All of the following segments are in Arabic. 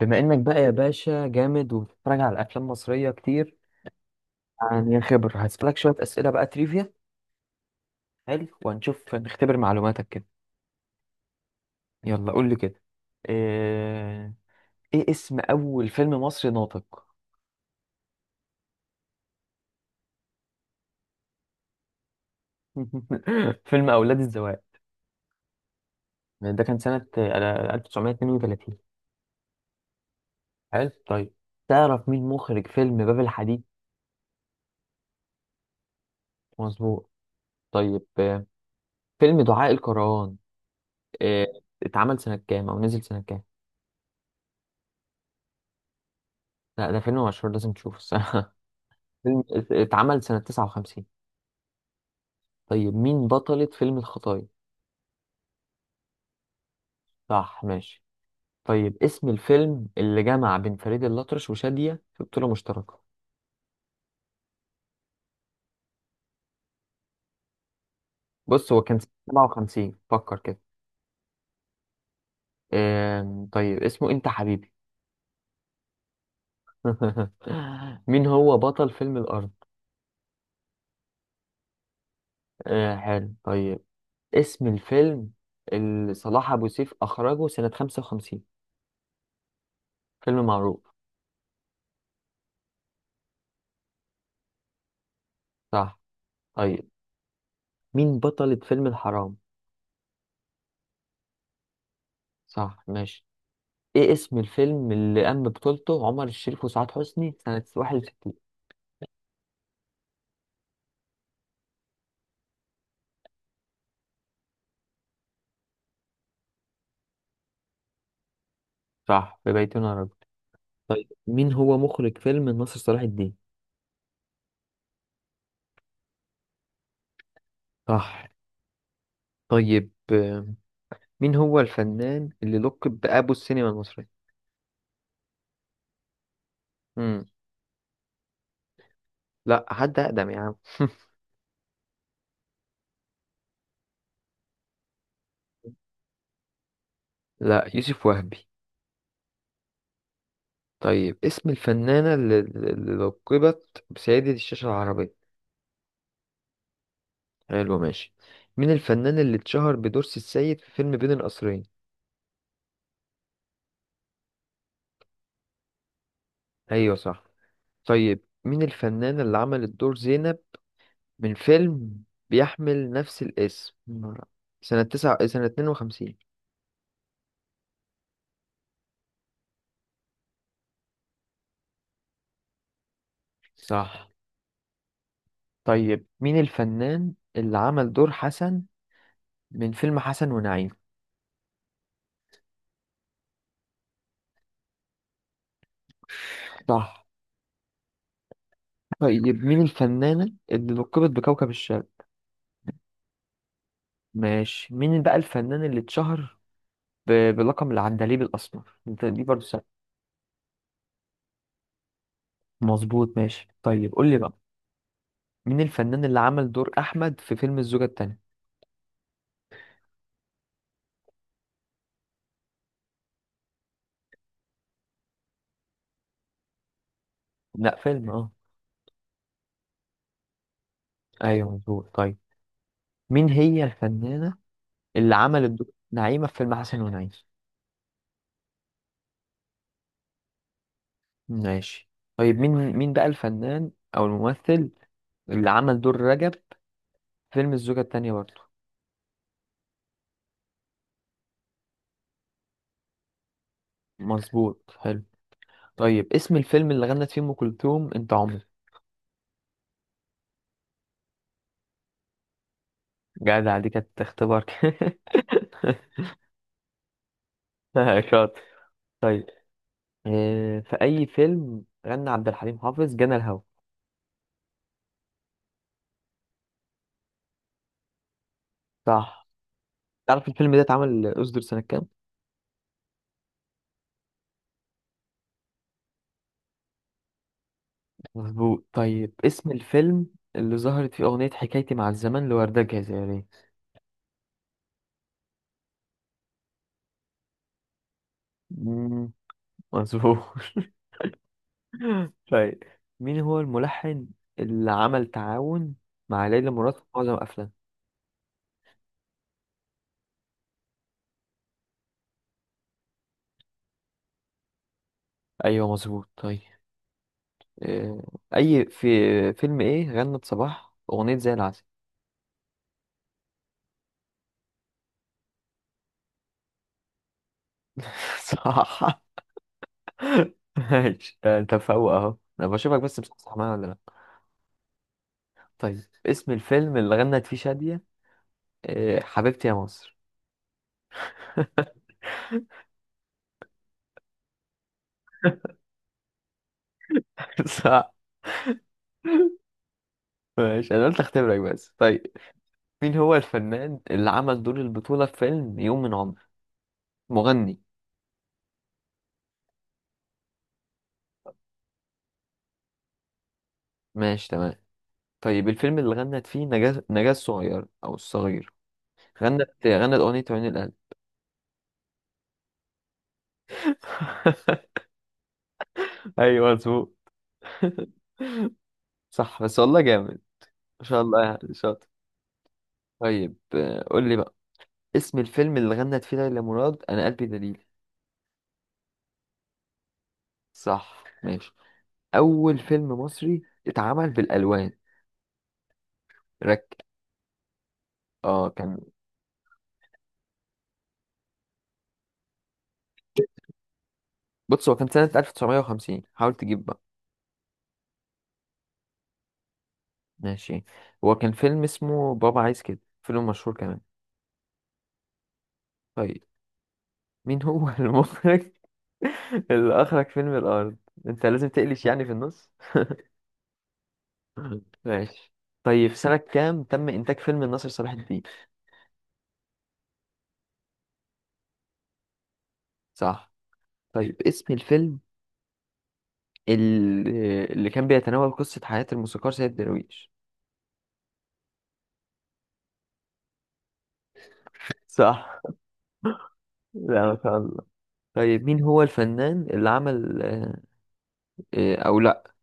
بما انك بقى يا باشا جامد وبتتفرج على افلام مصريه كتير. يعني خبر هسألك شويه اسئله بقى تريفيا. حلو، وهنشوف نختبر معلوماتك كده. يلا قول لي كده. ايه, إيه اسم اول فيلم مصري ناطق؟ فيلم اولاد الذوق. ده كان سنه 1932. حلو طيب، تعرف مين مخرج فيلم باب الحديد؟ مظبوط. طيب فيلم دعاء الكروان آه، اتعمل سنه كام او نزل سنه كام؟ لا ده فيلم مشهور، لازم تشوفه. فيلم اتعمل سنة 59. طيب مين بطلة فيلم الخطايا؟ صح ماشي. طيب اسم الفيلم اللي جمع بين فريد الأطرش وشادية في بطولة مشتركة؟ بص هو كان سنة 57، فكر كده. طيب، اسمه انت حبيبي. مين هو بطل فيلم الأرض؟ آه حلو طيب. اسم الفيلم اللي صلاح أبو سيف أخرجه سنة 55، فيلم معروف. صح طيب، مين بطلة فيلم الحرام؟ صح ماشي. ايه اسم الفيلم اللي قام ببطولته عمر الشريف وسعاد حسني سنة 61؟ صح، في بيتنا رجل. طيب مين هو مخرج فيلم ناصر صلاح الدين؟ صح. طيب مين هو الفنان اللي لقب بأبو السينما المصرية؟ مم. لا حد أقدم يا عم. لا، يوسف وهبي. طيب اسم الفنانة اللي لقبت بسيدة الشاشة العربية؟ حلو ماشي. مين الفنان اللي اتشهر بدور سي السيد في فيلم بين القصرين؟ ايوه صح. طيب مين الفنانة اللي عملت دور زينب من فيلم بيحمل نفس الاسم سنة 52؟ صح. طيب مين الفنان اللي عمل دور حسن من فيلم حسن ونعيم؟ صح. طيب مين الفنانة اللي لقبت بكوكب الشرق؟ ماشي. مين بقى الفنان اللي اتشهر بلقب العندليب الأسمر؟ دي برضه سهلة. مظبوط ماشي. طيب قول لي بقى، مين الفنان اللي عمل دور أحمد في فيلم الزوجة التانية؟ لا فيلم اه. ايوه مظبوط. طيب مين هي الفنانة اللي عملت دور نعيمة في فيلم حسن ونعيش؟ ماشي. طيب، مين بقى الفنان او الممثل اللي عمل دور رجب في فيلم الزوجة التانية برضه؟ مظبوط حلو. طيب اسم الفيلم اللي غنت فيه ام كلثوم انت عمري؟ جدع، دي كانت اختبار. شاطر. طيب، في اي فيلم غنى عبد الحليم حافظ جنى الهوى؟ صح. تعرف الفيلم ده اتعمل اصدر سنة كام؟ مظبوط. طيب اسم الفيلم اللي ظهرت فيه أغنية حكايتي مع الزمن لوردة جزائرية؟ مم، مظبوط. طيب مين هو الملحن اللي عمل تعاون مع ليلى مراد في معظم أفلام؟ أيوه مظبوط. طيب آه، في فيلم إيه غنت صباح أغنية زي العسل؟ صح ماشي. أنت فوق أهو، أنا بشوفك بس بتصح معايا ولا لأ؟ طيب اسم الفيلم اللي غنت فيه شادية حبيبتي يا مصر؟ صح ماشي، انا قلت اختبرك بس. طيب، مين هو الفنان اللي عمل دور البطولة في فيلم يوم من عمر؟ مغني. ماشي تمام. طيب الفيلم اللي غنت فيه نجاة الصغير او الصغير غنت اغنية عيون القلب؟ ايوه مظبوط. صح، بس والله جامد، ما شاء الله، يعني شاطر. طيب قول لي بقى، اسم الفيلم اللي غنت فيه ليلى مراد انا قلبي دليل؟ صح ماشي. اول فيلم مصري اتعمل بالالوان؟ رك اه كان بص هو كان سنة 1950، حاول تجيب بقى. ماشي، هو كان فيلم اسمه بابا عايز كده، فيلم مشهور كمان. طيب مين هو المخرج اللي أخرج فيلم الأرض؟ أنت لازم تقلش يعني في النص. ماشي. طيب سنة كام تم إنتاج فيلم ناصر صلاح الدين؟ صح. طيب اسم الفيلم اللي كان بيتناول قصة حياة الموسيقار سيد درويش؟ صح. لا ما شاء الله. طيب مين هو الفنان اللي عمل آه، أو لا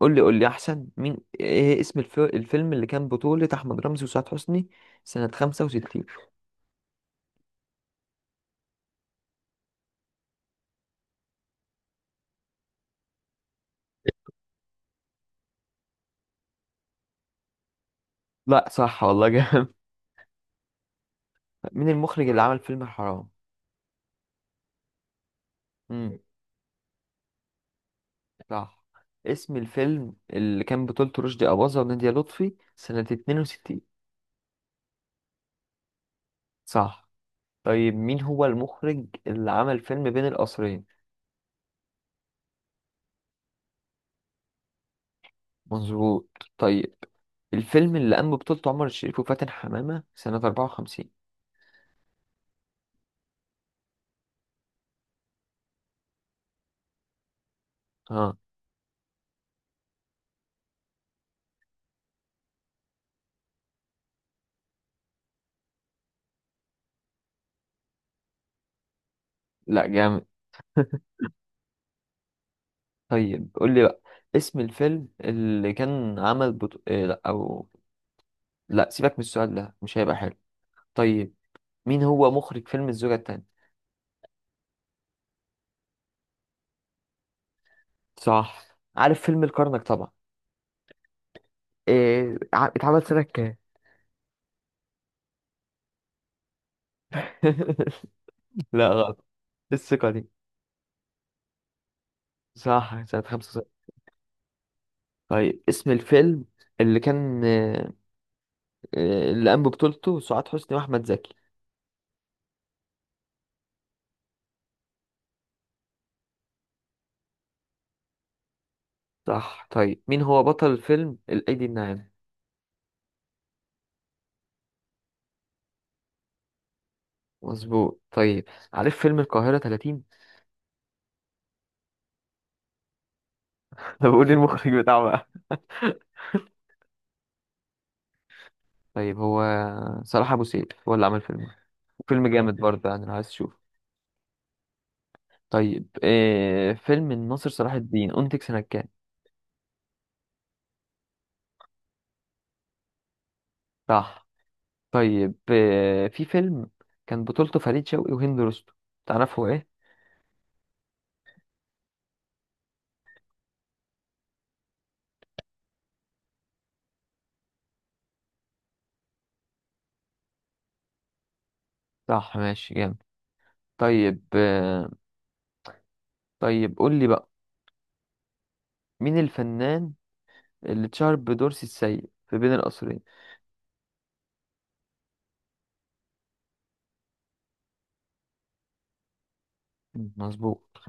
قول لي احسن، ايه اسم الفيلم اللي كان بطولة احمد رمزي وسعاد حسني سنة 65؟ لا صح، والله جامد. مين المخرج اللي عمل فيلم الحرام؟ امم صح. اسم الفيلم اللي كان بطولته رشدي أباظة ونادية لطفي سنة 62؟ صح. طيب مين هو المخرج اللي عمل فيلم بين القصرين؟ مظبوط. طيب الفيلم اللي قام ببطولته عمر الشريف وفاتن حمامة سنة 54؟ اه، لا جامد. طيب قول لي بقى، اسم الفيلم اللي كان عمل بطو... إيه لا او لا سيبك من السؤال ده، مش هيبقى حلو. طيب مين هو مخرج فيلم الزوجة التانية؟ صح. عارف فيلم الكرنك طبعا؟ إيه اتعمل سنة كام؟ لا غلط. الثقة دي. صح، سنة 65. طيب اسم الفيلم اللي كان اللي قام ببطولته سعاد حسني وأحمد زكي؟ صح. طيب مين هو بطل الفيلم الأيدي الناعمة؟ مظبوط طيب. عارف فيلم القاهرة 30؟ طب قول لي المخرج بتاعه. طيب، هو صلاح ابو سيف هو اللي عمل فيلم جامد برضه يعني لو عايز تشوفه. طيب فيلم الناصر صلاح الدين انتج سنة كام؟ صح. طيب في فيلم كان بطولته فريد شوقي وهند رستم، تعرفه ايه؟ صح ماشي جامد. طيب طيب قول لي بقى، مين الفنان اللي اتشهر بدور سي السيد في بين القصرين؟ مم، مظبوط.